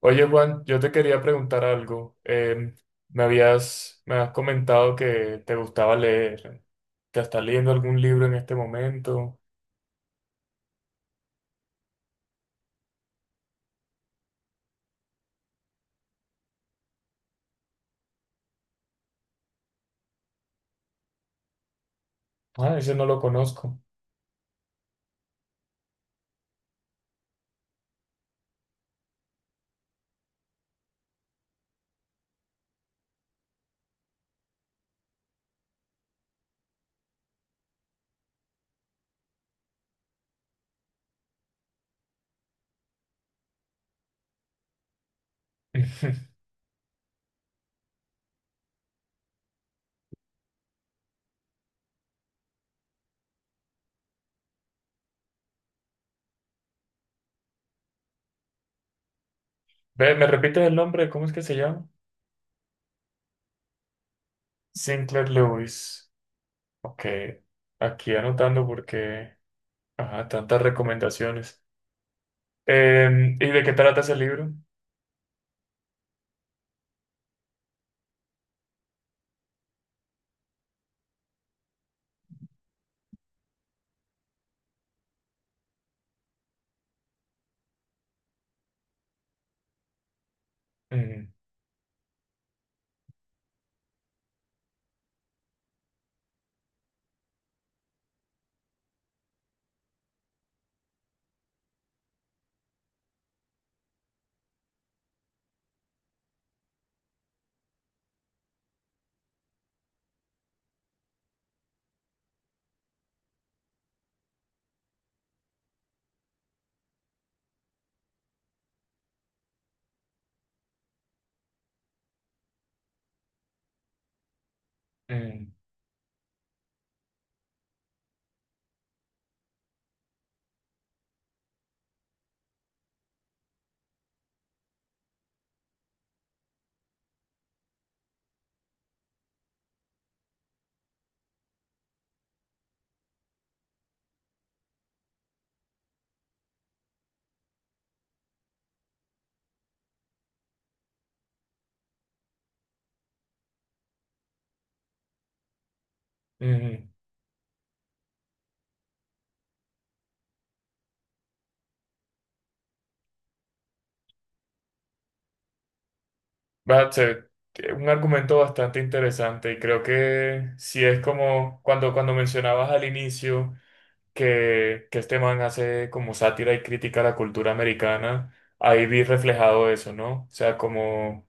Oye, Juan, yo te quería preguntar algo. Me has comentado que te gustaba leer. ¿Te estás leyendo algún libro en este momento? Ah, ese no lo conozco. Ve, ¿me repites el nombre? ¿Cómo es que se llama? Sinclair Lewis. Ok, aquí anotando porque, ajá, tantas recomendaciones. ¿Y de qué trata ese libro? Mm, mm, mm. Va a ser un argumento bastante interesante y creo que si es como cuando mencionabas al inicio que este man hace como sátira y crítica a la cultura americana, ahí vi reflejado eso, ¿no? O sea, como,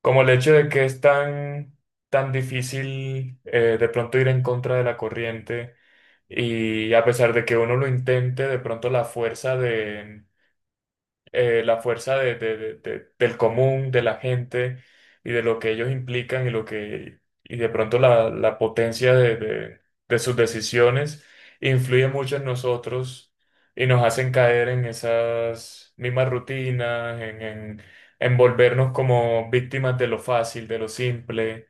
como el hecho de que es tan difícil de pronto ir en contra de la corriente y a pesar de que uno lo intente, de pronto la fuerza de la fuerza del común, de la gente y de lo que ellos implican y lo que y de pronto la potencia de sus decisiones influye mucho en nosotros y nos hacen caer en esas mismas rutinas, en volvernos como víctimas de lo fácil, de lo simple.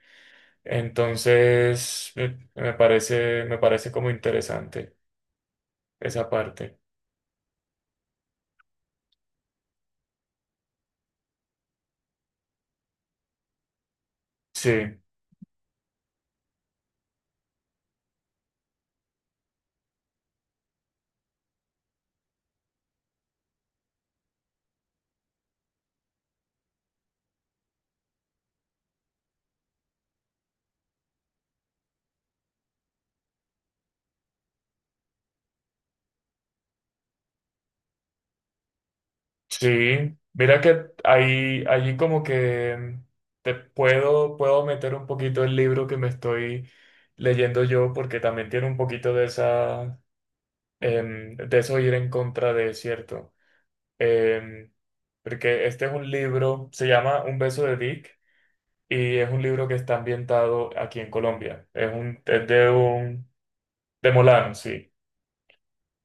Entonces, me parece como interesante esa parte. Sí. Sí, mira que ahí, allí como que puedo meter un poquito el libro que me estoy leyendo yo, porque también tiene un poquito de de eso ir en contra de cierto. Em, porque este es un libro, se llama Un beso de Dick, y es un libro que está ambientado aquí en Colombia. Es de un, de Molano, sí.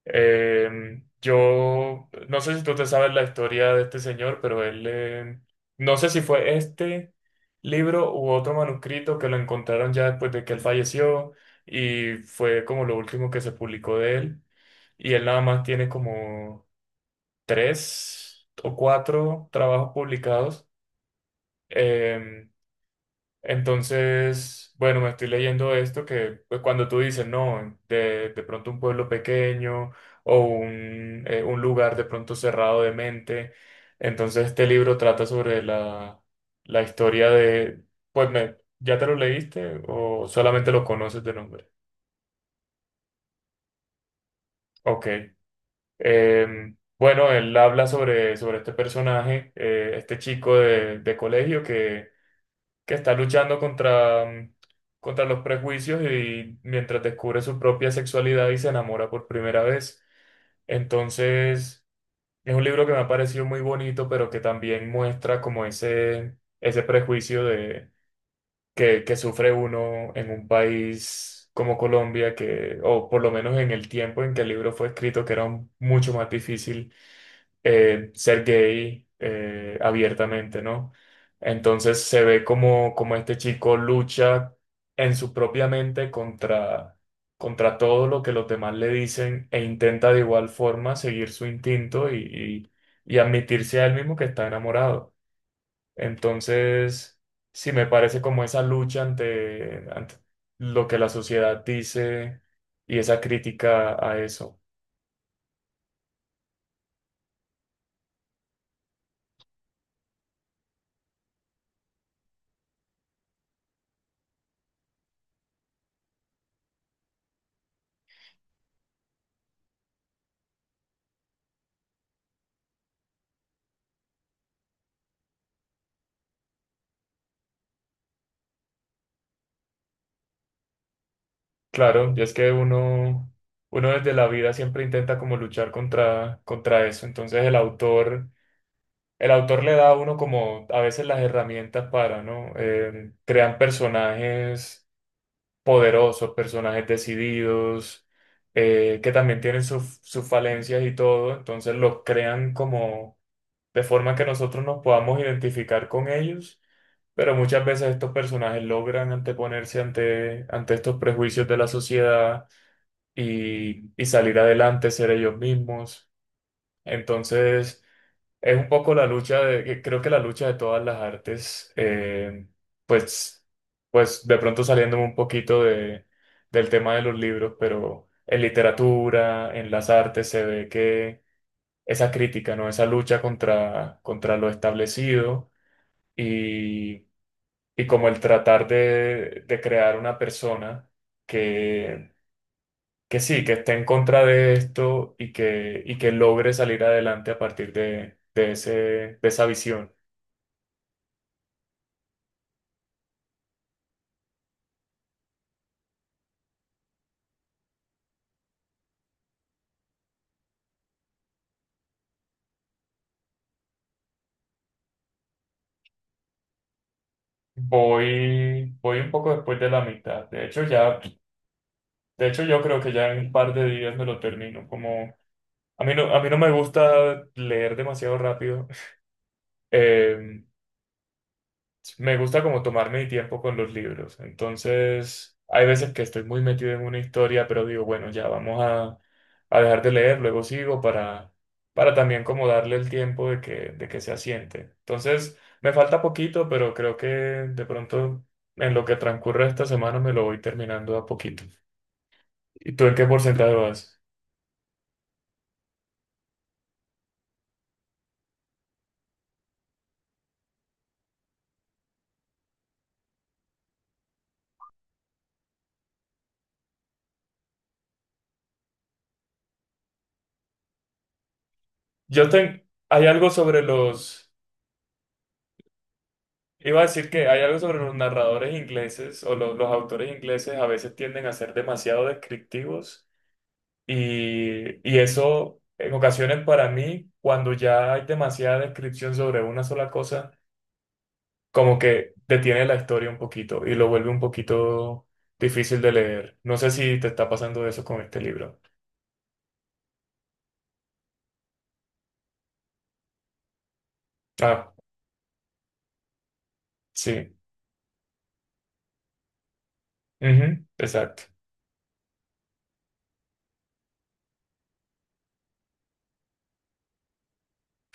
Yo no sé si tú te sabes la historia de este señor, pero él, no sé si fue este libro u otro manuscrito que lo encontraron ya después de que él falleció y fue como lo último que se publicó de él. Y él nada más tiene como tres o cuatro trabajos publicados. Em, entonces, bueno, me estoy leyendo esto que pues, cuando tú dices, no, de pronto un pueblo pequeño o un lugar de pronto cerrado de mente, entonces este libro trata sobre la historia de, pues, me- ¿ya te lo leíste o solamente lo conoces de nombre? Ok. Bueno, él habla sobre este personaje, este chico de colegio que está luchando contra, mm, contra los prejuicios y mientras descubre su propia sexualidad y se enamora por primera vez. Entonces, es un libro que me ha parecido muy bonito, pero que también muestra como ese prejuicio de, que sufre uno en un país como Colombia, que, o por lo menos en el tiempo en que el libro fue escrito, que era un- mucho más difícil ser gay abiertamente, ¿no? Entonces se ve como, como este chico lucha en su propia mente contra, contra todo lo que los demás le dicen e intenta de igual forma seguir su instinto y admitirse a él mismo que está enamorado. Entonces, sí me parece como esa lucha ante, ante lo que la sociedad dice y esa crítica a eso. Claro, y es que uno, uno desde la vida siempre intenta como luchar contra, contra eso. Entonces el autor le da a uno como a veces las herramientas para, ¿no? Crean personajes poderosos, personajes decididos, que también tienen sus falencias y todo. Entonces los crean como de forma que nosotros nos podamos identificar con ellos. Pero muchas veces estos personajes logran anteponerse ante, ante estos prejuicios de la sociedad y salir adelante, ser ellos mismos. Entonces, es un poco la lucha de, que creo que la lucha de todas las artes, pues, pues de pronto saliéndome un poquito de, del tema de los libros, pero en literatura, en las artes, se ve que esa crítica, ¿no? Esa lucha contra, contra lo establecido y, y como el tratar de crear una persona que sí, que esté en contra de esto y que logre salir adelante a partir de ese, de esa visión. Voy un poco después de la mitad. De hecho, ya, de hecho, yo creo que ya en un par de días me lo termino. Como a mí no me gusta leer demasiado rápido. Eh, me gusta como tomarme mi tiempo con los libros. Entonces, hay veces que estoy muy metido en una historia, pero digo, bueno, ya vamos a dejar de leer, luego sigo para también como darle el tiempo de de que se asiente. Entonces, me falta poquito, pero creo que de pronto en lo que transcurre esta semana me lo voy terminando a poquito. ¿Y tú en qué porcentaje vas? Yo tengo, hay algo sobre los... Iba a decir que hay algo sobre los narradores ingleses o lo- los autores ingleses a veces tienden a ser demasiado descriptivos y eso en ocasiones para mí, cuando ya hay demasiada descripción sobre una sola cosa, como que detiene la historia un poquito y lo vuelve un poquito difícil de leer. No sé si te está pasando eso con este libro. Ah, sí. Ujú, exacto.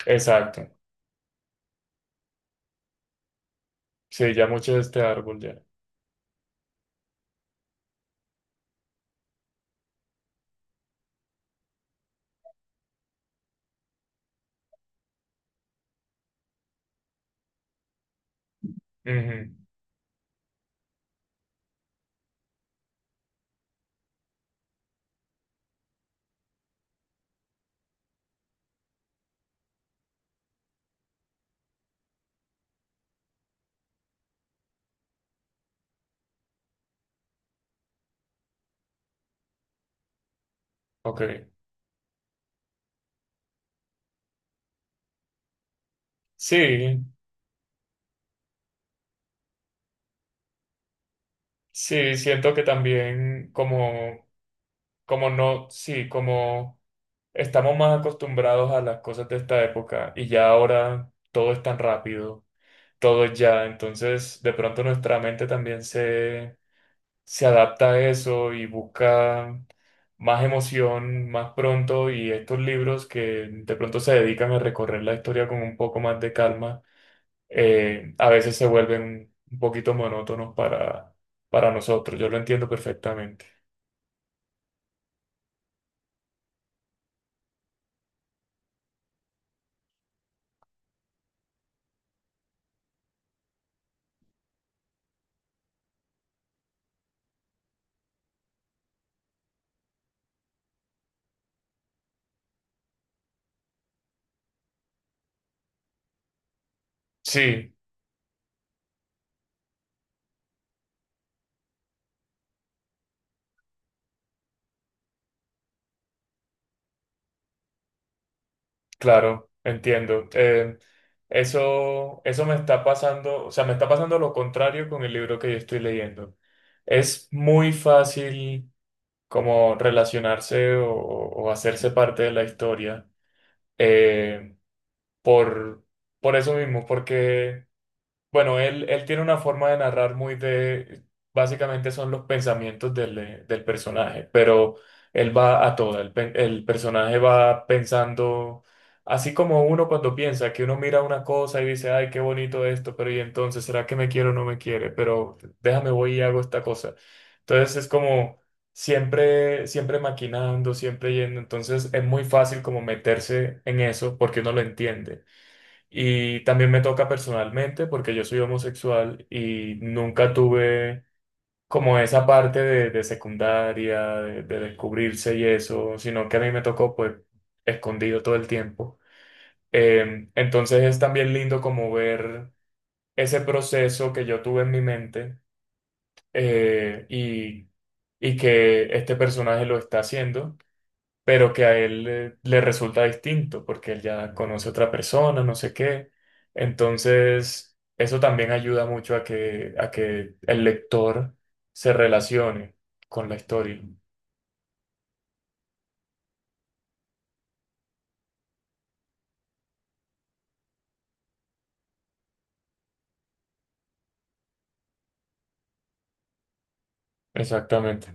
Exacto. Sí, ya mucho de este árbol ya. Ujú, ok. Sí, sí, siento que también como, como no, sí, como estamos más acostumbrados a las cosas de esta época y ya ahora todo es tan rápido, todo es ya, entonces de pronto nuestra mente también se adapta a eso y busca más emoción más pronto y estos libros que de pronto se dedican a recorrer la historia con un poco más de calma, a veces se vuelven un poquito monótonos para nosotros, yo lo entiendo perfectamente. Sí, claro, entiendo. Eso, eso me está pasando, o sea, me está pasando lo contrario con el libro que yo estoy leyendo. Es muy fácil como relacionarse o hacerse parte de la historia eh, por, por eso mismo, porque bueno, él tiene una forma de narrar muy de, básicamente son los pensamientos del, del personaje, pero él va a toda, el, pe- el personaje va pensando, así como uno cuando piensa que uno mira una cosa y dice, ay, qué bonito esto, pero y entonces, ¿será que me quiere o no me quiere? Pero déjame, voy y hago esta cosa. Entonces es como siempre, siempre maquinando, siempre yendo, entonces es muy fácil como meterse en eso porque uno lo entiende. Y también me toca personalmente porque yo soy homosexual y nunca tuve como esa parte de secundaria, de descubrirse y eso, sino que a mí me tocó pues escondido todo el tiempo. Entonces es también lindo como ver ese proceso que yo tuve en mi mente eh, y, y que este personaje lo está haciendo pero que a él le resulta distinto porque él ya conoce otra persona, no sé qué. Entonces, eso también ayuda mucho a a que el lector se relacione con la historia. Exactamente.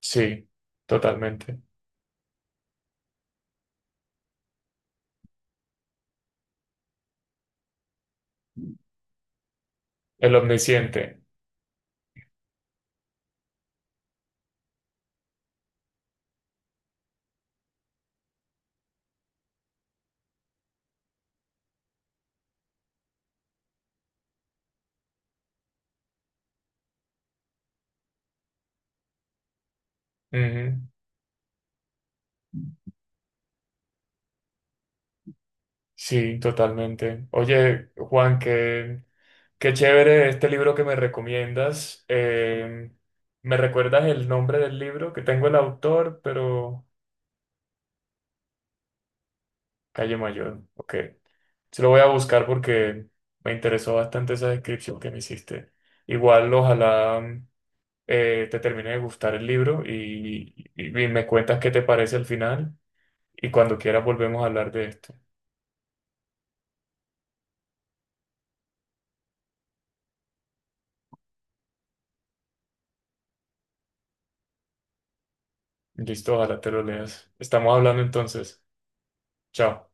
Sí, totalmente. El omnisciente. Ujú. Sí, totalmente. Oye, Juan, qué, qué chévere este libro que me recomiendas. ¿Me recuerdas el nombre del libro? Que tengo el autor, pero... Calle Mayor, ok. Se lo voy a buscar porque me interesó bastante esa descripción que me hiciste. Igual, ojalá mm, te termine de gustar el libro y me cuentas qué te parece al final y cuando quieras volvemos a hablar de esto. Listo, ojalá te lo leas. Estamos hablando entonces. Chao.